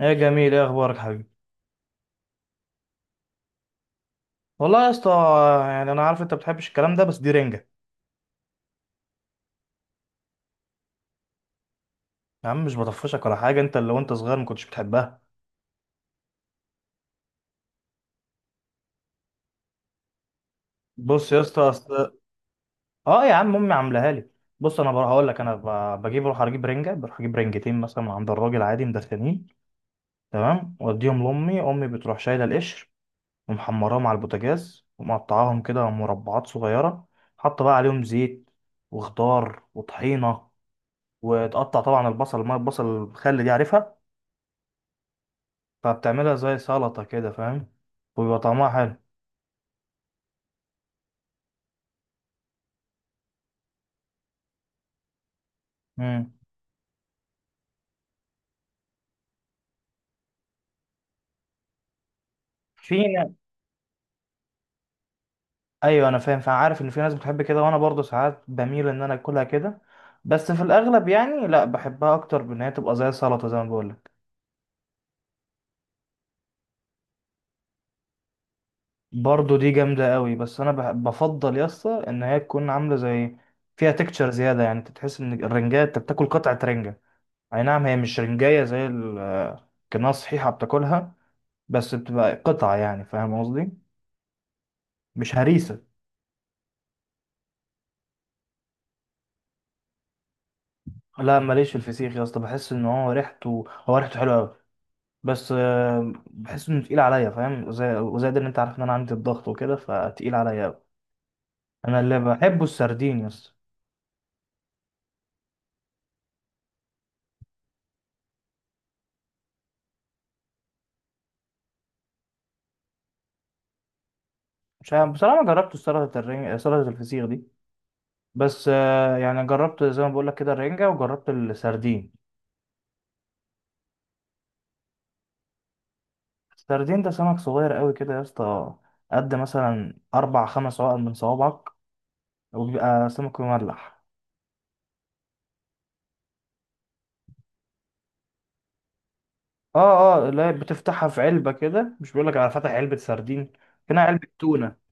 ايه جميل، ايه اخبارك حبيبي؟ والله يا اسطى. يعني انا عارف انت بتحبش الكلام ده بس دي رنجه. يا عم مش بطفشك ولا حاجه، انت اللي وانت صغير ما كنتش بتحبها. بص يا اسطى اصل، اه يا عم امي عاملاها لي. بص انا بروح هقول لك انا بجيب اروح اجيب رنجه، بروح اجيب رنجتين مثلا من عند الراجل عادي مدخنين. تمام واديهم لامي، امي بتروح شايله القشر ومحمراهم على البوتاجاز ومقطعاهم كده مربعات صغيره، حاطه بقى عليهم زيت وخضار وطحينه، وتقطع طبعا البصل، ما البصل الخل دي عارفها. فبتعملها زي سلطة كده فاهم، ويبقى طعمها حلو. امم في ن- ايوه انا فاهم، فعارف ان في ناس بتحب كده، وانا برضو ساعات بميل ان انا اكلها كده، بس في الاغلب يعني لا، بحبها اكتر بان هي تبقى زي سلطة زي ما بقولك. برضو دي جامدة قوي بس انا بفضل يا اسطى ان هي تكون عاملة زي، فيها تكتشر زيادة، يعني انت تحس ان الرنجاية، انت بتاكل قطعة رنجة. اي نعم هي مش رنجاية زي الكناس صحيحة بتاكلها، بس بتبقى قطعة، يعني فاهم قصدي. مش هريسة. لا ماليش في الفسيخ يا اسطى، بحس ان هو ريحته، هو ريحته حلوه قوي، بس بحس انه تقيل عليا فاهم، زي وزائد ان انت عارف ان انا عندي الضغط وكده، فتقيل عليا قوي. انا اللي بحبه السردين يا اسطى. مش عارف بصراحه، ما جربت سلطه الرنجة سلطه الفسيخ دي، بس يعني جربت زي ما بقول لك كده الرنجة، وجربت السردين. السردين ده سمك صغير قوي كده يا اسطى، قد مثلا اربع خمس عقل من صوابعك، وبيبقى سمك مملح. اه اه لا، بتفتحها في علبة كده، مش بيقولك على فتح علبة سردين، هنا علبة تونة.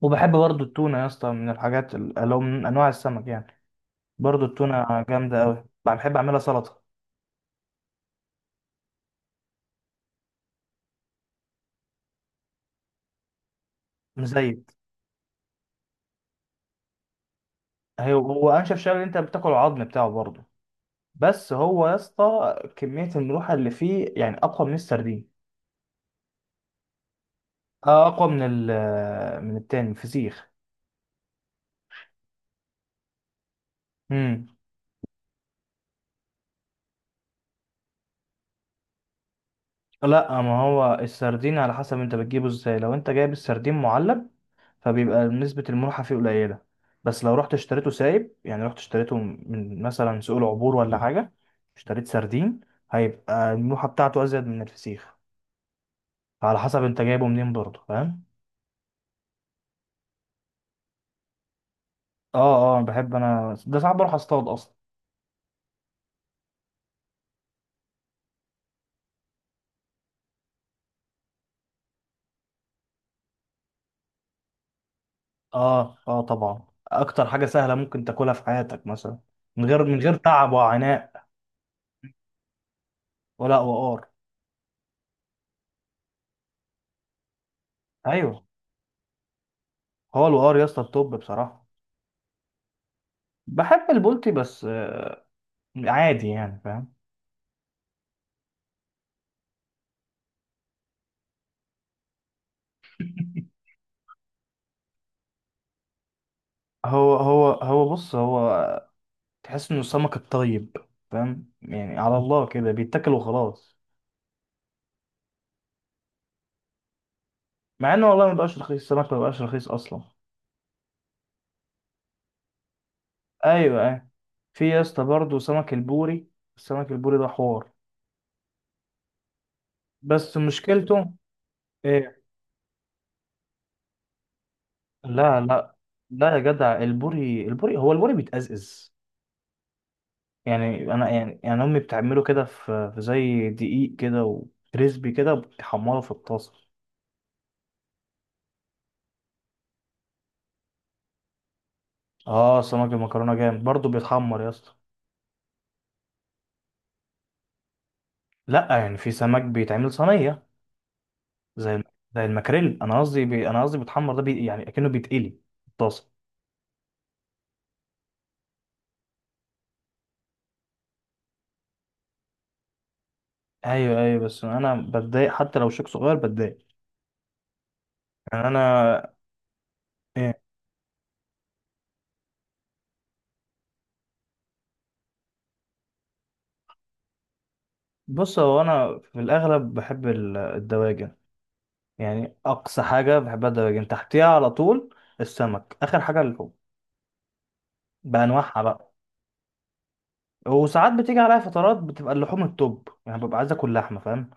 وبحب برضو التونة يا اسطى، من الحاجات اللي هو من أنواع السمك يعني. برضو التونة جامدة أوي، بحب أعملها سلطة مزيت. هي هو أنشف شغل، أنت بتاكل العظم بتاعه برضو، بس هو يا اسطى كمية الملوحة اللي فيه يعني أقوى من السردين. اه أقوى من من التاني الفسيخ. مم. لا ما هو السردين على حسب أنت بتجيبه ازاي. لو أنت جايب السردين معلب فبيبقى نسبة الملوحة فيه قليلة، بس لو رحت اشتريته سايب يعني رحت اشتريته من مثلا سوق العبور ولا حاجة، اشتريت سردين، هيبقى الملوحة بتاعته أزيد من الفسيخ، على حسب انت جايبه منين برضه فاهم. اه اه بحب انا ده، ساعات بروح اصطاد اصلا. اه اه طبعا، اكتر حاجة سهلة ممكن تاكلها في حياتك مثلا، من غير من غير تعب وعناء. ولا وقار. ايوه، هو الوقار يا اسطى التوب بصراحة. بحب البولتي بس عادي يعني فاهم. هو بص، هو تحس انه السمك الطيب فاهم، يعني على الله كده بيتاكل وخلاص. مع انه والله ما بقاش رخيص، السمك ما بقاش رخيص اصلا. ايوه ايوه. في يا اسطى برضه سمك البوري، السمك البوري ده حوار بس مشكلته ايه. لا لا يا جدع، البوري، البوري، هو البوري بيتأزأز. يعني انا يعني يعني امي بتعمله كده في في زي دقيق كده وكريسبي كده، وبتحمره في الطاسه. اه سمك المكرونه جامد برضه بيتحمر يا اسطى. لا يعني في سمك بيتعمل صينيه، زي الم- زي الماكريل. انا قصدي بي... انا قصدي بيتحمر ده بي... يعني اكنه بيتقلي في الطاسه. ايوه ايوه، بس انا بتضايق حتى لو شيك صغير بتضايق، يعني انا إيه، بص هو انا في الاغلب بحب الدواجن. يعني اقصى حاجه بحبها الدواجن، تحتيها على طول السمك، اخر حاجه اللحوم بانواعها بقى. وساعات بتيجي عليا فترات بتبقى اللحوم التوب، يعني ببقى عايز اكل لحمه فاهم.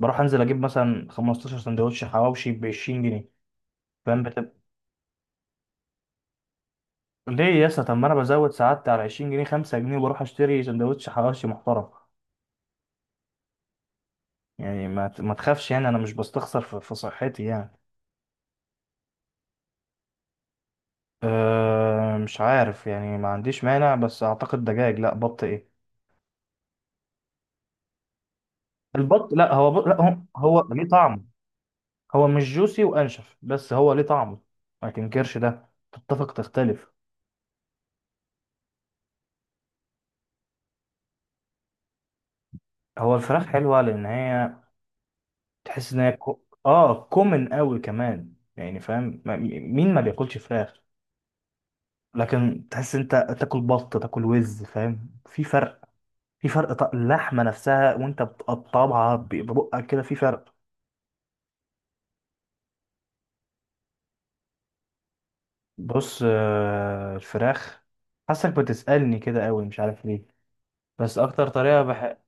بروح انزل اجيب مثلا 15 سندوتش حواوشي ب 20 جنيه فاهم. ليه يا اسطى؟ طب ما انا بزود سعادتي على 20 جنيه 5 جنيه، وبروح اشتري سندوتش حواوشي محترم. يعني ما تخافش، يعني انا مش بستخسر في في صحتي يعني. أه مش عارف يعني، ما عنديش مانع، بس اعتقد دجاج، لا بط ايه؟ البط لا هو بط لا هو، هو ليه طعم، هو مش جوسي وانشف بس هو ليه طعم، ما تنكرش ده، تتفق تختلف. هو الفراخ حلوة لان هي تحس ان هي كو... اه كومن قوي كمان، يعني فاهم، مين ما بياكلش فراخ. لكن تحس انت تاكل بط تاكل وز فاهم، في فرق، في فرق اللحمه نفسها وانت بتقطعها ببقك كده في فرق. بص الفراخ، حاسك بتسألني كده قوي مش عارف ليه، بس اكتر طريقه بح اه.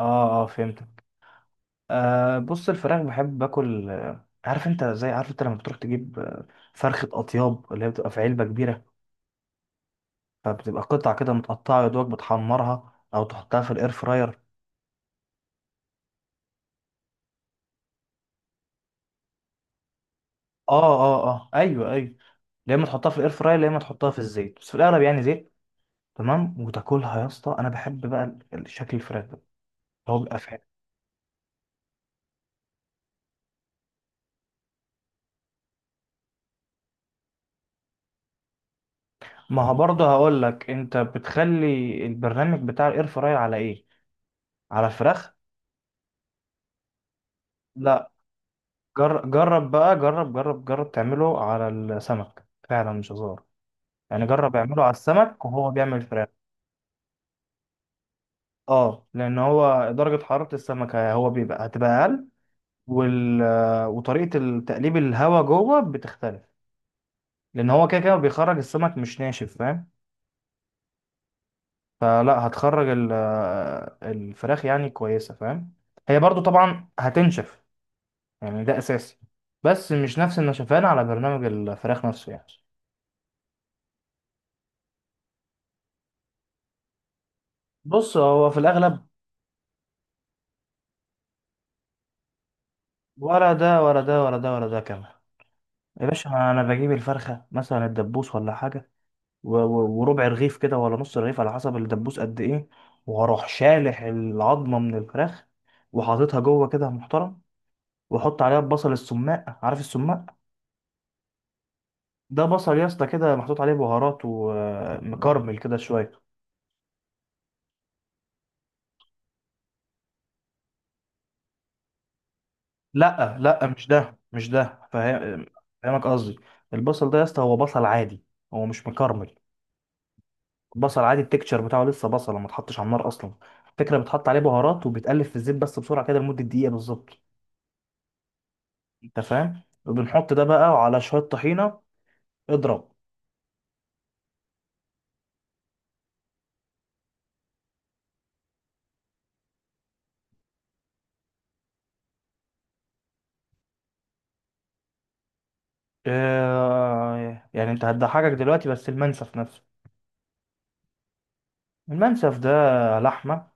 اه فهمتك. آه بص، الفراخ بحب باكل عارف انت زي، عارف انت لما بتروح تجيب فرخه اطياب، اللي هي بتبقى في علبه كبيره، فبتبقى قطع كده متقطعه، يا دوبك بتحمرها او تحطها في الاير فراير. اه اه اه ايوه ايوه، يا اما تحطها في الاير فراير يا اما تحطها في الزيت، بس في الاغلب يعني زيت. تمام وتاكلها يا اسطى، انا بحب بقى شكل الفراخ ده، هو بيبقى فاهم. ما هو برضه هقول لك، انت بتخلي البرنامج بتاع الاير فراير على ايه؟ على الفراخ. لا جرب بقى، جرب تعمله على السمك، فعلا مش هزار، يعني جرب اعمله على السمك وهو بيعمل فراخ. اه لان هو درجة حرارة السمك، هو بيبقى هتبقى اقل، وال... وطريقة تقليب الهواء جوه بتختلف، لأن هو كده كده بيخرج السمك مش ناشف فاهم. فلا هتخرج ال... الفراخ يعني كويسة فاهم، هي برضو طبعا هتنشف يعني، ده أساسي، بس مش نفس النشفان على برنامج الفراخ نفسه يعني. بص هو في الأغلب، ولا ده ولا ده ولا ده ولا ده كمان. يا باشا، أنا بجيب الفرخة مثلا الدبوس ولا حاجة، وربع رغيف كده ولا نص رغيف على حسب الدبوس قد ايه، وهروح شالح العظمه من الفراخ، وحاططها جوه كده محترم، واحط عليها البصل السماق، عارف السماق؟ ده بصل يا اسطى كده محطوط عليه بهارات ومكرمل كده شويه. لا مش ده مش ده فاهمك قصدي. البصل ده يا اسطى هو بصل عادي، هو مش مكرمل، بصل عادي، التكتشر بتاعه لسه بصل ما اتحطش على النار اصلا. الفكره بتحط عليه بهارات وبيتقلب في الزيت بس بسرعه كده لمده دقيقه بالظبط، انت فاهم، وبنحط ده بقى وعلى شويه طحينه اضرب. يعني انت هتضحكك دلوقتي بس المنسف نفسه. المنسف ده لحمه،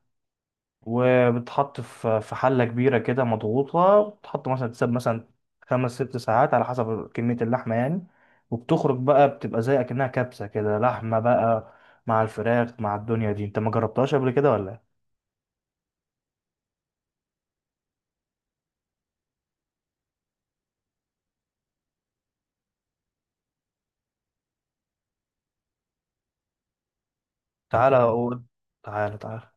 وبتحط في في حله كبيره كده مضغوطه، بتحط مثلا تساب مثلا خمس ست ساعات على حسب كميه اللحمه يعني، وبتخرج بقى بتبقى زي اكنها كبسه كده لحمه بقى، مع الفراخ مع الدنيا دي. انت ما جربتهاش قبل كده ولا إيه؟ تعالى اقول، تعالى.